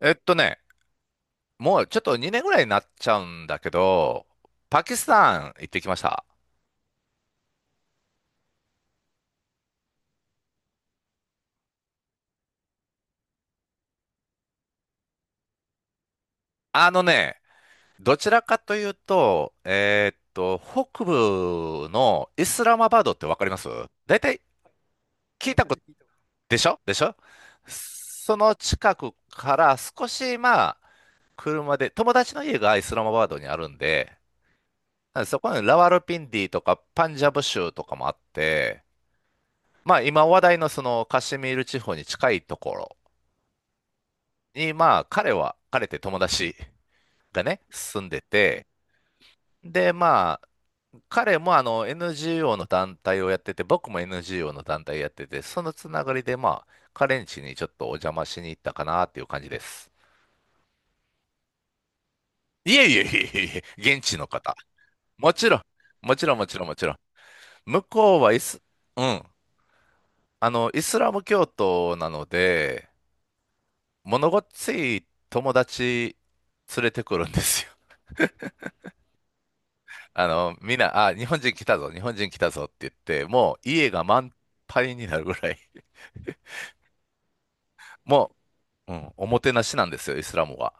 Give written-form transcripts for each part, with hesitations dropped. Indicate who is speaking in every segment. Speaker 1: えっとね、もうちょっと2年ぐらいになっちゃうんだけど、パキスタン行ってきました。あのね、どちらかというと、北部のイスラマバードってわかります？大体。聞いたこと。でしょ？でしょ？その近くから少し、まあ、車で、友達の家がイスラマバードにあるんで、そこにラワルピンディとかパンジャブ州とかもあって、まあ今話題のそのカシミール地方に近いところに、まあ、彼は、彼って友達がね、住んでて、で、まあ、彼もあの NGO の団体をやってて、僕も NGO の団体やってて、そのつながりで、まあ、彼ん家にちょっとお邪魔しに行ったかなっていう感じです。いえいえいえいえ、現地の方。もちろん、もちろん、もちろん、もちろん。向こうはうん、あの、イスラム教徒なので、物ごっつい友達連れてくるんですよ。あの、みんな、あ、日本人来たぞ、日本人来たぞって言って、もう家が満杯になるぐらい、もう、うん、おもてなしなんですよ、イスラムは。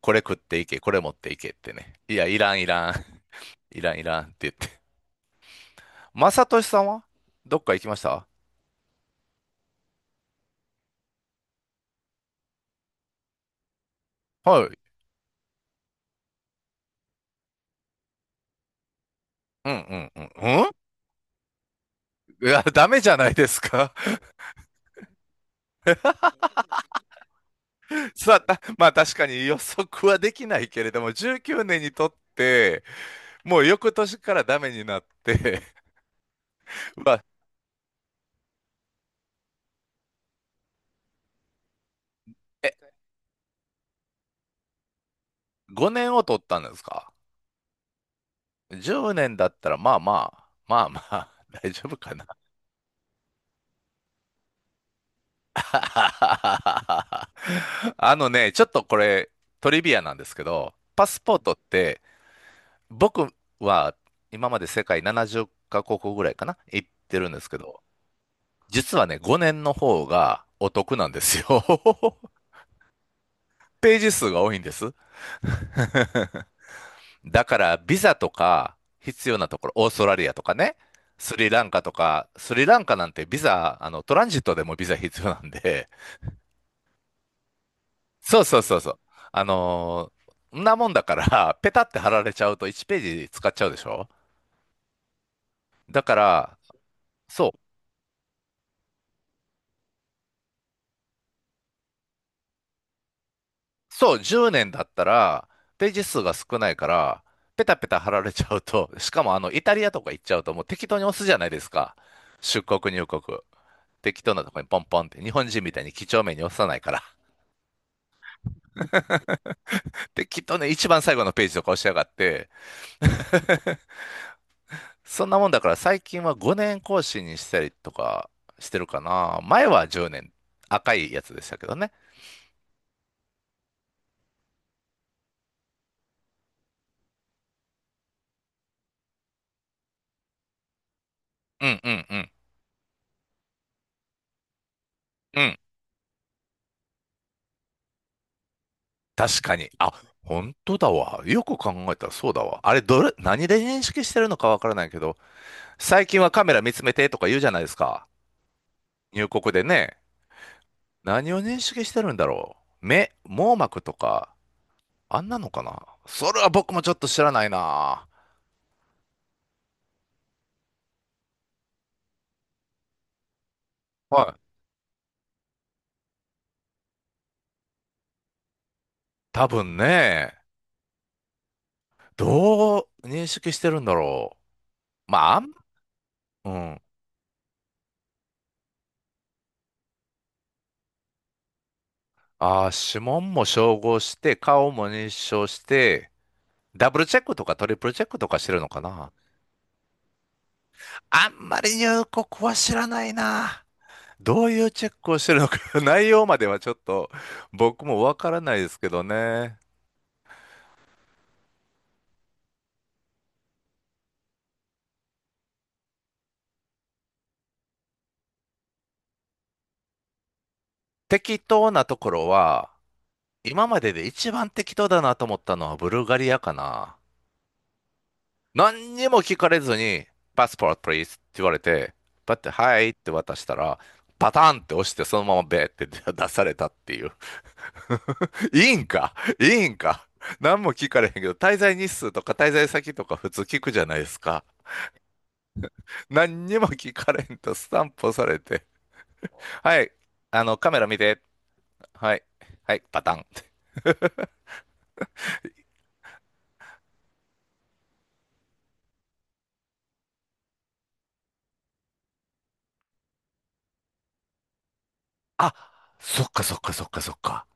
Speaker 1: これ食っていけ、これ持っていけってね。いや、いらん、いらん、いらん、いらんって言って。まさとしさんはどっか行きました？はい。うん、うん、うん、うん。いや、ダメじゃないですか。さあ、まあ確かに予測はできないけれども、19年にとって、もう翌年からダメになって、まあ、え、5年を取ったんですか？10年だったら、まあまあ、まあまあ、大丈夫かな。あのね、ちょっとこれ、トリビアなんですけど、パスポートって、僕は今まで世界70カ国ぐらいかな、行ってるんですけど、実はね、5年の方がお得なんですよ。ページ数が多いんです。だからビザとか必要なところ、オーストラリアとかね、スリランカとか、スリランカなんてビザ、あの、トランジットでもビザ必要なんで、そうそうそうそう。あのーんなもんだから、ペタって貼られちゃうと1ページ使っちゃうでしょ？だから、そう、そう、10年だったら、ページ数が少ないから、ペタペタ貼られちゃうと、しかもあの、イタリアとか行っちゃうと、もう適当に押すじゃないですか。出国入国。適当なとこにポンポンって、日本人みたいに几帳面に押さないから。で、きっとね、一番最後のページとか押しやがって、そんなもんだから最近は5年更新にしたりとかしてるかな。前は10年、赤いやつでしたけどね。うんうんうん。うん。確かに。あ、本当だわ。よく考えたらそうだわ。あれ、どれ、何で認識してるのかわからないけど、最近はカメラ見つめてとか言うじゃないですか。入国でね。何を認識してるんだろう。目、網膜とか、あんなのかな。それは僕もちょっと知らないな。はい。多分ね、どう認識してるんだろう。まあ、うん。ああ、指紋も照合して、顔も認証して、ダブルチェックとかトリプルチェックとかしてるのかな。あんまり入国は知らないな。どういうチェックをしてるのか、内容まではちょっと僕もわからないですけどね。適当なところは、今までで一番適当だなと思ったのはブルガリアかな。何にも聞かれずに、パスポート please って言われて、パッて、はいって渡したら、パターンって押して、そのままベーって 出されたっていう。いいんか？いいんか？何も聞かれへんけど、滞在日数とか滞在先とか普通聞くじゃないですか。何にも聞かれんとスタンプ押されて、はい、あの、カメラ見て、はい、はい、パターンって。あ、そっかそっかそっかそっか。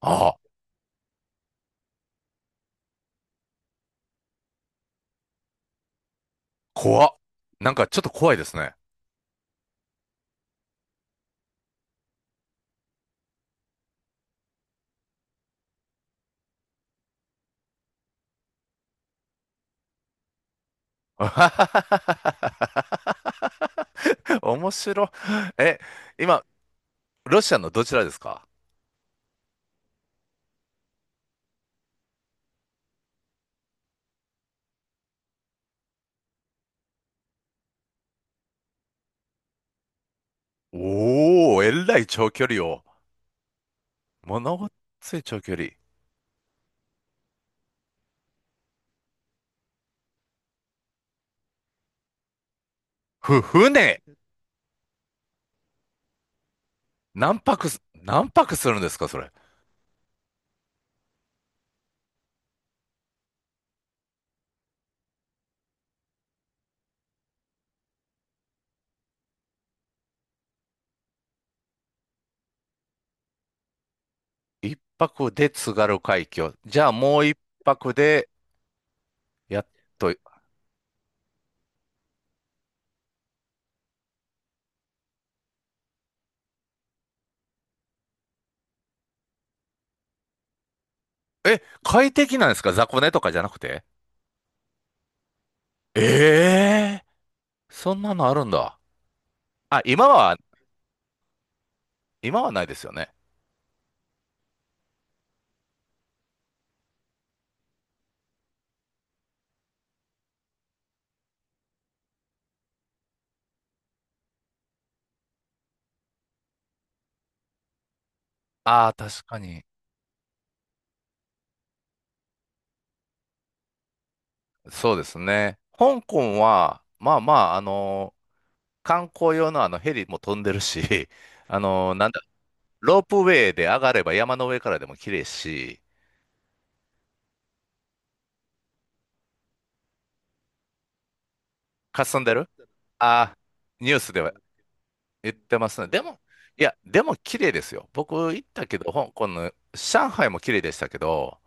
Speaker 1: ああ、怖っ。なんかちょっと怖いですね。面白い。え、今、ロシアのどちらですか？おー、えらい長距離を。ものごっつい長距離。船、何泊するんですか、それ？一泊で津軽海峡。じゃあもう一泊で、やっと、え、快適なんですか？雑魚寝とかじゃなくて。ええー、そんなのあるんだ。あ、今はないですよね。ああ、確かに。そうですね。香港は、まあまあ、あの観光用のあのヘリも飛んでるし、あのなんだ、ロープウェイで上がれば山の上からでも綺麗し、霞んでる。あ、ニュースでは言ってますね。でも、いや、でも綺麗ですよ。僕行ったけど、香港の、上海も綺麗でしたけど、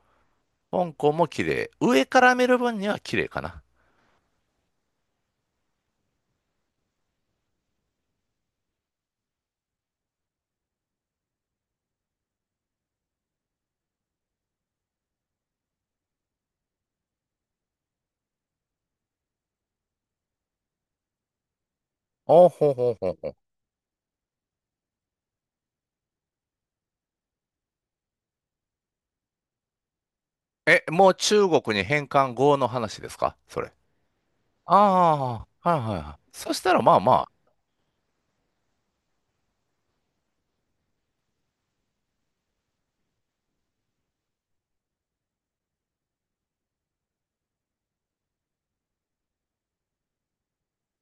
Speaker 1: 香港も綺麗。上から見る分には綺麗かな。おほうほうほうほう。え、もう中国に返還後の話ですか？それ。ああ、はいはいはい。そしたらまあま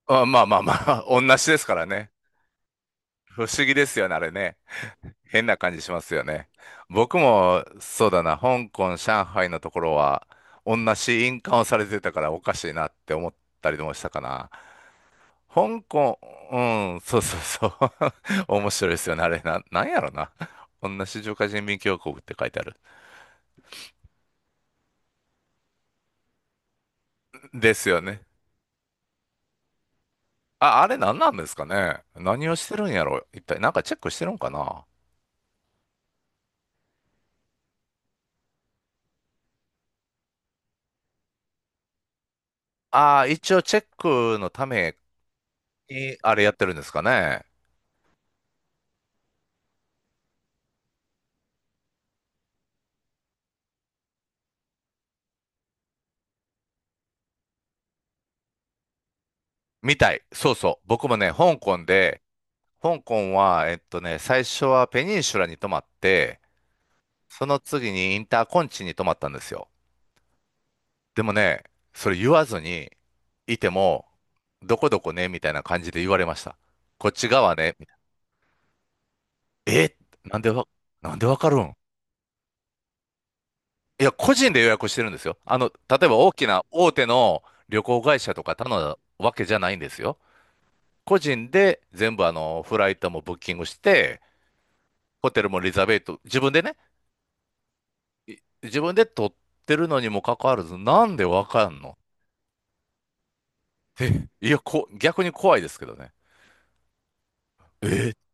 Speaker 1: あ、まあまあまあ、同じですからね。不思議ですよね、あれね。変な感じしますよね。僕も、そうだな、香港、上海のところは、同じ印鑑をされてたからおかしいなって思ったりもしたかな。香港、うん、そうそうそう。面白いですよね、あれな、なんやろな。同じ中華人民共和国って書いてある。ですよね。あ、あれ何なんですかね。何をしてるんやろ、一体。なんかチェックしてるんかな。ああ、一応チェックのために、あれやってるんですかね。みたい。そうそう。僕もね、香港で、香港は、最初はペニンシュラに泊まって、その次にインターコンチに泊まったんですよ。でもね、それ言わずにいても、どこどこね、みたいな感じで言われました。こっち側ね、みたいな。え、なんでわ、なんでわかるん？いや、個人で予約してるんですよ。あの、例えば大きな大手の旅行会社とか頼んだわけじゃないんですよ。個人で全部あの、フライトもブッキングして、ホテルもリザベート、自分でね、自分で取ってるのにもかかわらず、なんでわかんの？いや、逆に怖いですけどね。え、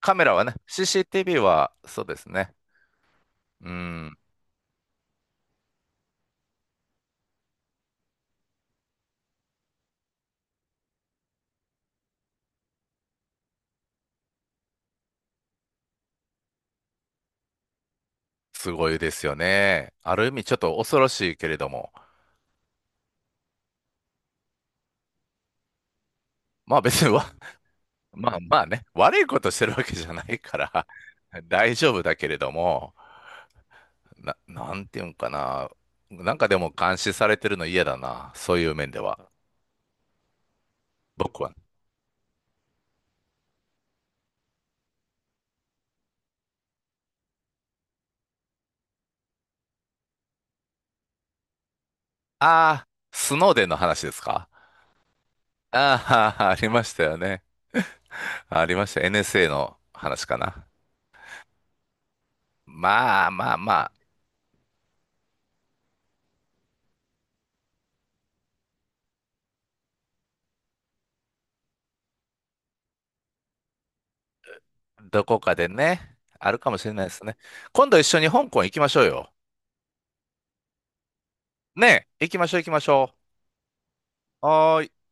Speaker 1: カメラはね、CCTV は、そうですね。うん、すごいですよね。ある意味ちょっと恐ろしいけれども、まあ別にわ、まあまあね、悪いことしてるわけじゃないから 大丈夫だけれども、なんていうんかな。なんかでも監視されてるの嫌だな。そういう面では。僕は。ああ、スノーデンの話ですか？ああー、ありましたよね。ありました。NSA の話かな。まあまあまあ、どこかでね、あるかもしれないですね。今度一緒に香港行きましょうよ。ねえ、行きましょう行きましょう。はーい。